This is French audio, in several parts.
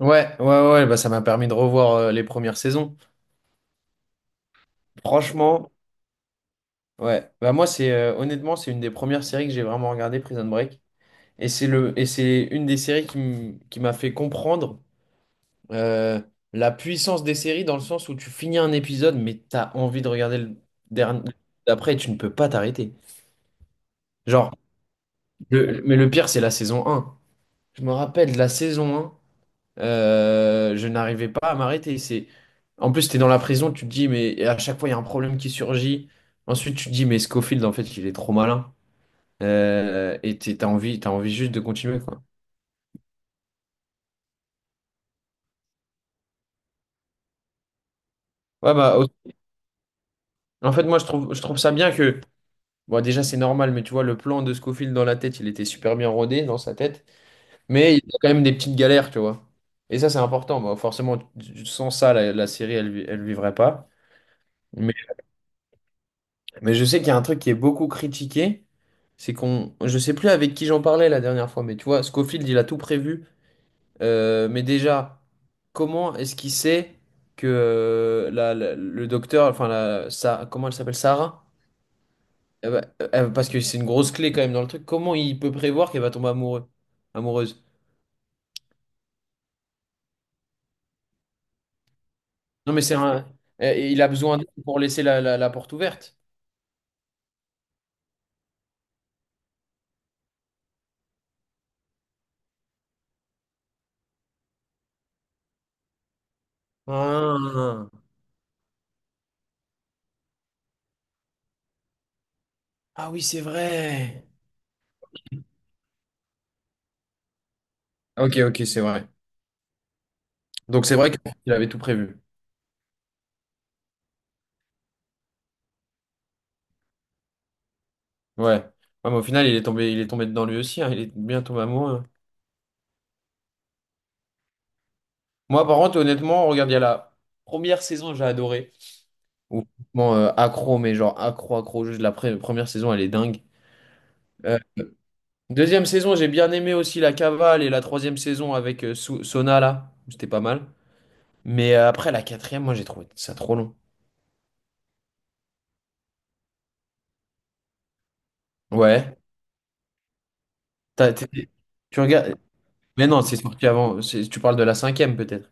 Ouais, ouais, ouais, bah ça m'a permis de revoir les premières saisons. Franchement, ouais. Bah moi, c'est honnêtement, c'est une des premières séries que j'ai vraiment regardé, Prison Break. Et et c'est une des séries qui m'a fait comprendre euh, la puissance des séries dans le sens où tu finis un épisode, mais t'as envie de regarder le dernier d'après et tu ne peux pas t'arrêter. Genre, mais le pire, c'est la saison un. Je me rappelle de la saison un. Je n'arrivais pas à m'arrêter. C'est. En plus, t'es dans la prison, tu te dis, mais et à chaque fois, il y a un problème qui surgit. Ensuite, tu te dis, mais Scofield, en fait, il est trop malin. Et t'as envie juste de continuer, quoi. Ouais, bah, en fait, moi, je trouve ça bien que. Bon, déjà, c'est normal, mais tu vois, le plan de Scofield dans la tête, il était super bien rodé dans sa tête. Mais il y a quand même des petites galères, tu vois. Et ça, c'est important. Bah, forcément, sans ça, la série, elle, elle vivrait pas. Mais je sais qu'il y a un truc qui est beaucoup critiqué, je sais plus avec qui j'en parlais la dernière fois, mais tu vois, Scofield, il a tout prévu. Mais déjà, comment est-ce qu'il sait que le docteur, enfin, la, ça, comment elle s'appelle, Sarah? Eh ben, parce que c'est une grosse clé quand même dans le truc. Comment il peut prévoir qu'elle va tomber amoureux, amoureuse? Non, mais il a besoin d'elle pour laisser la porte ouverte. Ah, ah, oui, c'est vrai. Ok, ok, c'est vrai. Donc c'est vrai qu'il avait tout prévu. Ouais. Ouais, mais au final, il est tombé dedans lui aussi, hein, il est bien tombé amoureux, hein. Moi, par contre, honnêtement, regarde, il y a la première saison, j'ai adoré. Ou franchement, accro, mais genre accro, accro, juste la première saison, elle est dingue. Euh, Deuxième saison, j'ai bien aimé aussi la cavale et la troisième saison avec Sona, là. C'était pas mal. Mais après, la quatrième, moi, j'ai trouvé ça trop long. Ouais. T'as- t'es- Tu regardes. Mais non, c'est sorti avant. Tu parles de la cinquième, peut-être.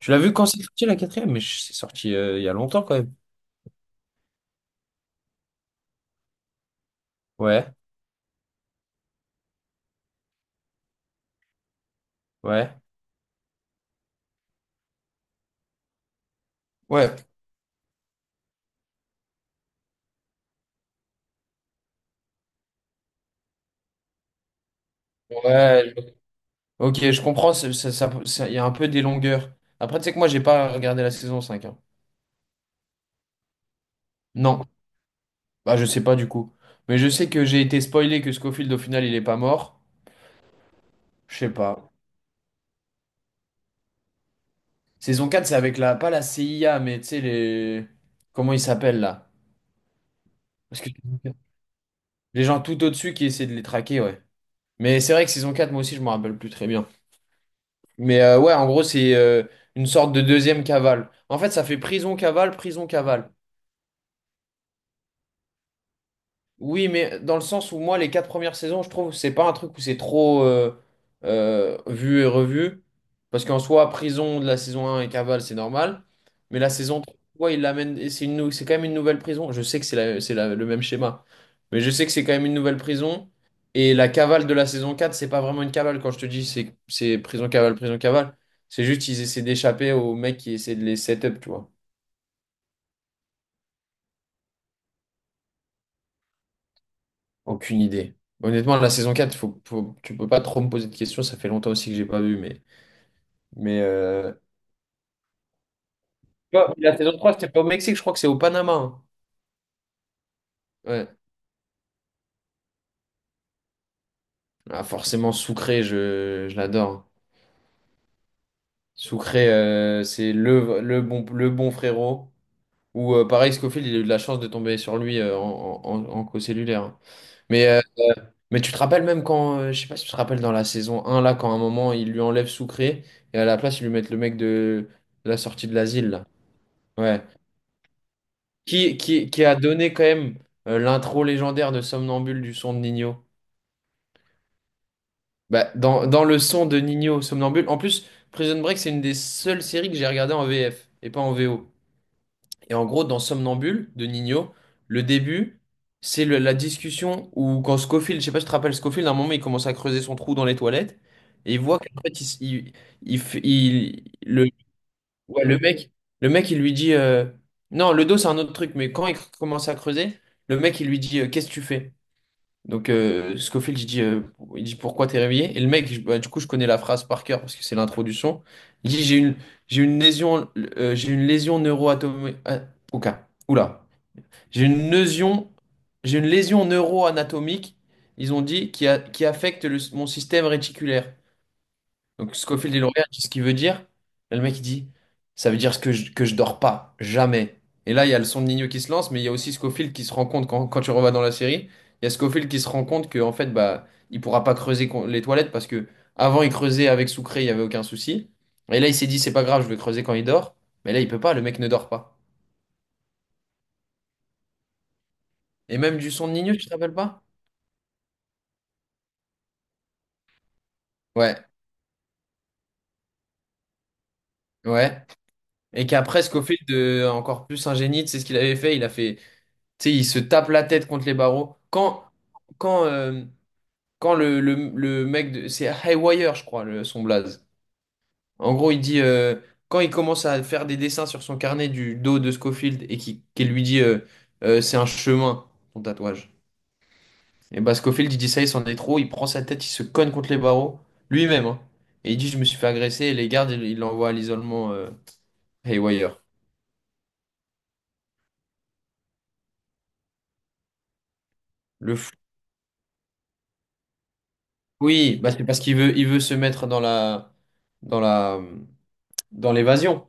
Tu l'as vu quand c'est sorti, la quatrième? Mais c'est sorti il y a longtemps, quand même. Ouais, ouais. Ouais, ouais, ok, je comprends, il y a un peu des longueurs. Après, tu sais que moi, j'ai pas regardé la saison cinq, hein. Non, bah je sais pas du coup. Mais je sais que j'ai été spoilé que Scofield, au final, il est pas mort. Je sais pas. Saison 4, c'est avec la, pas la CIA, mais tu sais, les. Comment ils s'appellent là? Parce que les gens tout au-dessus qui essaient de les traquer, ouais. Mais c'est vrai que saison 4, moi aussi, je me rappelle plus très bien. Mais ouais, en gros, c'est une sorte de deuxième cavale. En fait, ça fait prison, cavale, prison, cavale. Oui, mais dans le sens où moi, les quatre premières saisons, je trouve, c'est pas un truc où c'est trop vu et revu. Parce qu'en soi, prison de la saison un et cavale, c'est normal. Mais la saison 3, il l'amène, et c'est quand même une nouvelle prison. Je sais que c'est le même schéma. Mais je sais que c'est quand même une nouvelle prison. Et la cavale de la saison quatre, c'est pas vraiment une cavale quand je te dis, c'est prison cavale, prison cavale. C'est juste ils essaient d'échapper aux mecs qui essaient de les set up, tu vois. Aucune idée. Honnêtement, la saison quatre, tu peux pas trop me poser de questions. Ça fait longtemps aussi que j'ai pas vu, mais. Mais euh, Ah, la saison trois, c'était pas au Mexique, je crois que c'est au Panama, hein. Ouais. Ah, forcément, Soucré, je l'adore. Soucré, c'est le bon frérot. Ou pareil, Scofield, il a eu de la chance de tomber sur lui en co-cellulaire, hein. Mais, euh, mais tu te rappelles même quand, je sais pas si tu te rappelles dans la saison un là, quand à un moment, ils lui enlèvent Soucré et à la place, ils lui mettent le mec de, la sortie de l'asile, là. Ouais. Qui a donné quand même l'intro légendaire de Somnambule du son de Nino. Bah, dans le son de Nino, Somnambule. En plus, Prison Break, c'est une des seules séries que j'ai regardées en VF et pas en VO. Et en gros, dans Somnambule de Nino, le début, c'est la discussion où quand Scofield, je sais pas si tu te rappelles Scofield, à un moment, il commence à creuser son trou dans les toilettes. Et il voit qu'en fait, il f- il- le, Ouais, le mec, il lui dit non, le dos, c'est un autre truc, mais quand il commence à creuser, le mec, il lui dit qu'est-ce que tu fais? Donc, Scofield, il dit pourquoi t'es réveillé? Et le mec, bah, du coup, je connais la phrase par cœur parce que c'est l'introduction. Il dit j'ai une lésion, j'ai une lésion neuroatomique. Oula, j'ai une lésion, j'ai une lésion neuroanatomique. Ils ont dit qui affecte mon système réticulaire. Donc Scofield est lauréat, tu sais ce qu'il veut dire? Et le mec il dit, ça veut dire que je dors pas, jamais. Et là, il y a le son de Nino qui se lance, mais il y a aussi Scofield qui se rend compte, quand tu revas dans la série, il y a Scofield qui se rend compte que en fait, bah, il pourra pas creuser les toilettes parce que avant il creusait avec Sucré, il y avait aucun souci. Et là, il s'est dit, c'est pas grave, je vais creuser quand il dort. Mais là, il peut pas, le mec ne dort pas. Et même du son de Nino, tu te rappelles pas? Ouais, ouais. Et qu'après, Scofield, encore plus ingénie, c'est ce qu'il avait fait? Il a fait. Tu sais, il se tape la tête contre les barreaux. Quand, euh, quand le mec de. C'est Haywire, je crois, son blaze. En gros, il dit, quand il commence à faire des dessins sur son carnet du dos de Scofield et qu'il lui dit c'est un chemin, ton tatouage. Et bah, Scofield, il dit ça, il s'en est trop. Il prend sa tête, il se cogne contre les barreaux, lui-même, hein. Et il dit je me suis fait agresser. Et les gardes, ils il l'envoie à l'isolement Haywire. Le fou. Oui, bah, c'est parce qu'il veut se mettre dans la. Dans la. Dans l'évasion.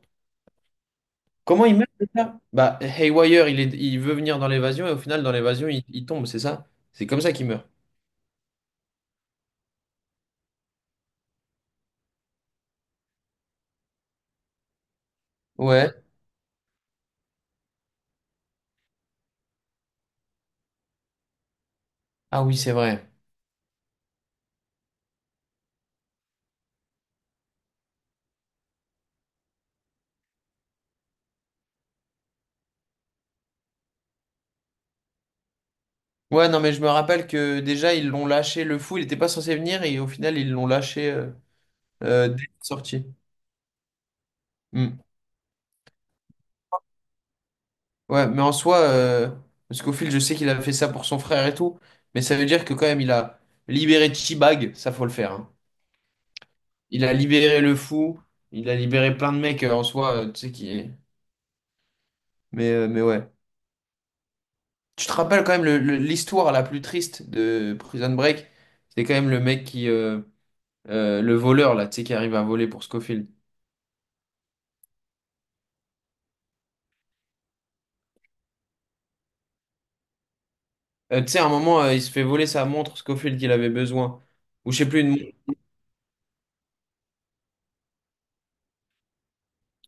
Comment il meurt, c'est ça? Bah, Haywire, il est, il veut venir dans l'évasion et au final, dans l'évasion, il tombe, c'est ça? C'est comme ça qu'il meurt. Ouais. Ah oui, c'est vrai. Ouais, non, mais je me rappelle que déjà, ils l'ont lâché, le fou, il n'était pas censé venir et au final, ils l'ont lâché dès la sortie. Hmm. Ouais, mais en soi, parce qu'au fil, je sais qu'il avait fait ça pour son frère et tout, mais ça veut dire que quand même, il a libéré Chibag, ça faut le faire, hein. Il a libéré le fou, il a libéré plein de mecs en soi, tu sais qui. Mais ouais. Tu te rappelles quand même l'histoire la plus triste de Prison Break? C'est quand même le mec qui, le voleur, là, tu sais, qui arrive à voler pour Scofield. Tu sais, à un moment, il se fait voler sa montre Scofield qu'il avait besoin. Ou je sais plus, une montre.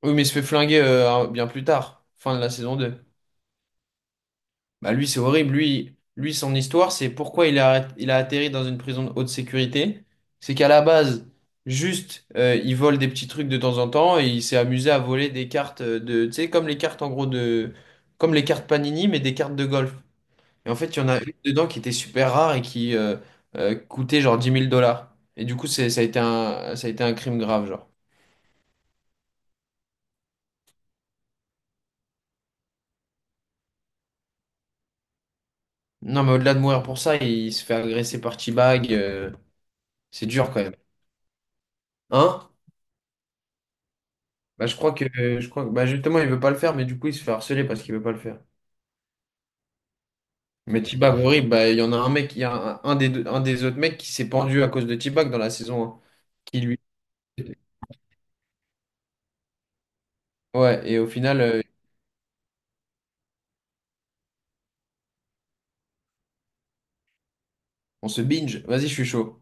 Oui, mais il se fait flinguer bien plus tard, fin de la saison 2. Bah lui, c'est horrible. Lui, son histoire, c'est pourquoi il a atterri dans une prison de haute sécurité. C'est qu'à la base, juste, il vole des petits trucs de temps en temps et il s'est amusé à voler des cartes de, tu sais, comme les cartes en gros de, comme les cartes Panini, mais des cartes de golf. Et en fait, il y en a une dedans qui était super rare et qui coûtait genre dix mille dollars. Et du coup, ça a été un crime grave, genre. Non, mais au-delà de mourir pour ça, il se fait agresser par T-Bag, c'est dur quand même. Hein? Bah, je crois que, bah, justement, il veut pas le faire, mais du coup, il se fait harceler parce qu'il veut pas le faire. Mais T-Bag, horrible, bah, il y a un des autres mecs qui s'est pendu à cause de T-Bag dans la saison un. Qui lui. Ouais, et au final, on se binge. Vas-y, je suis chaud.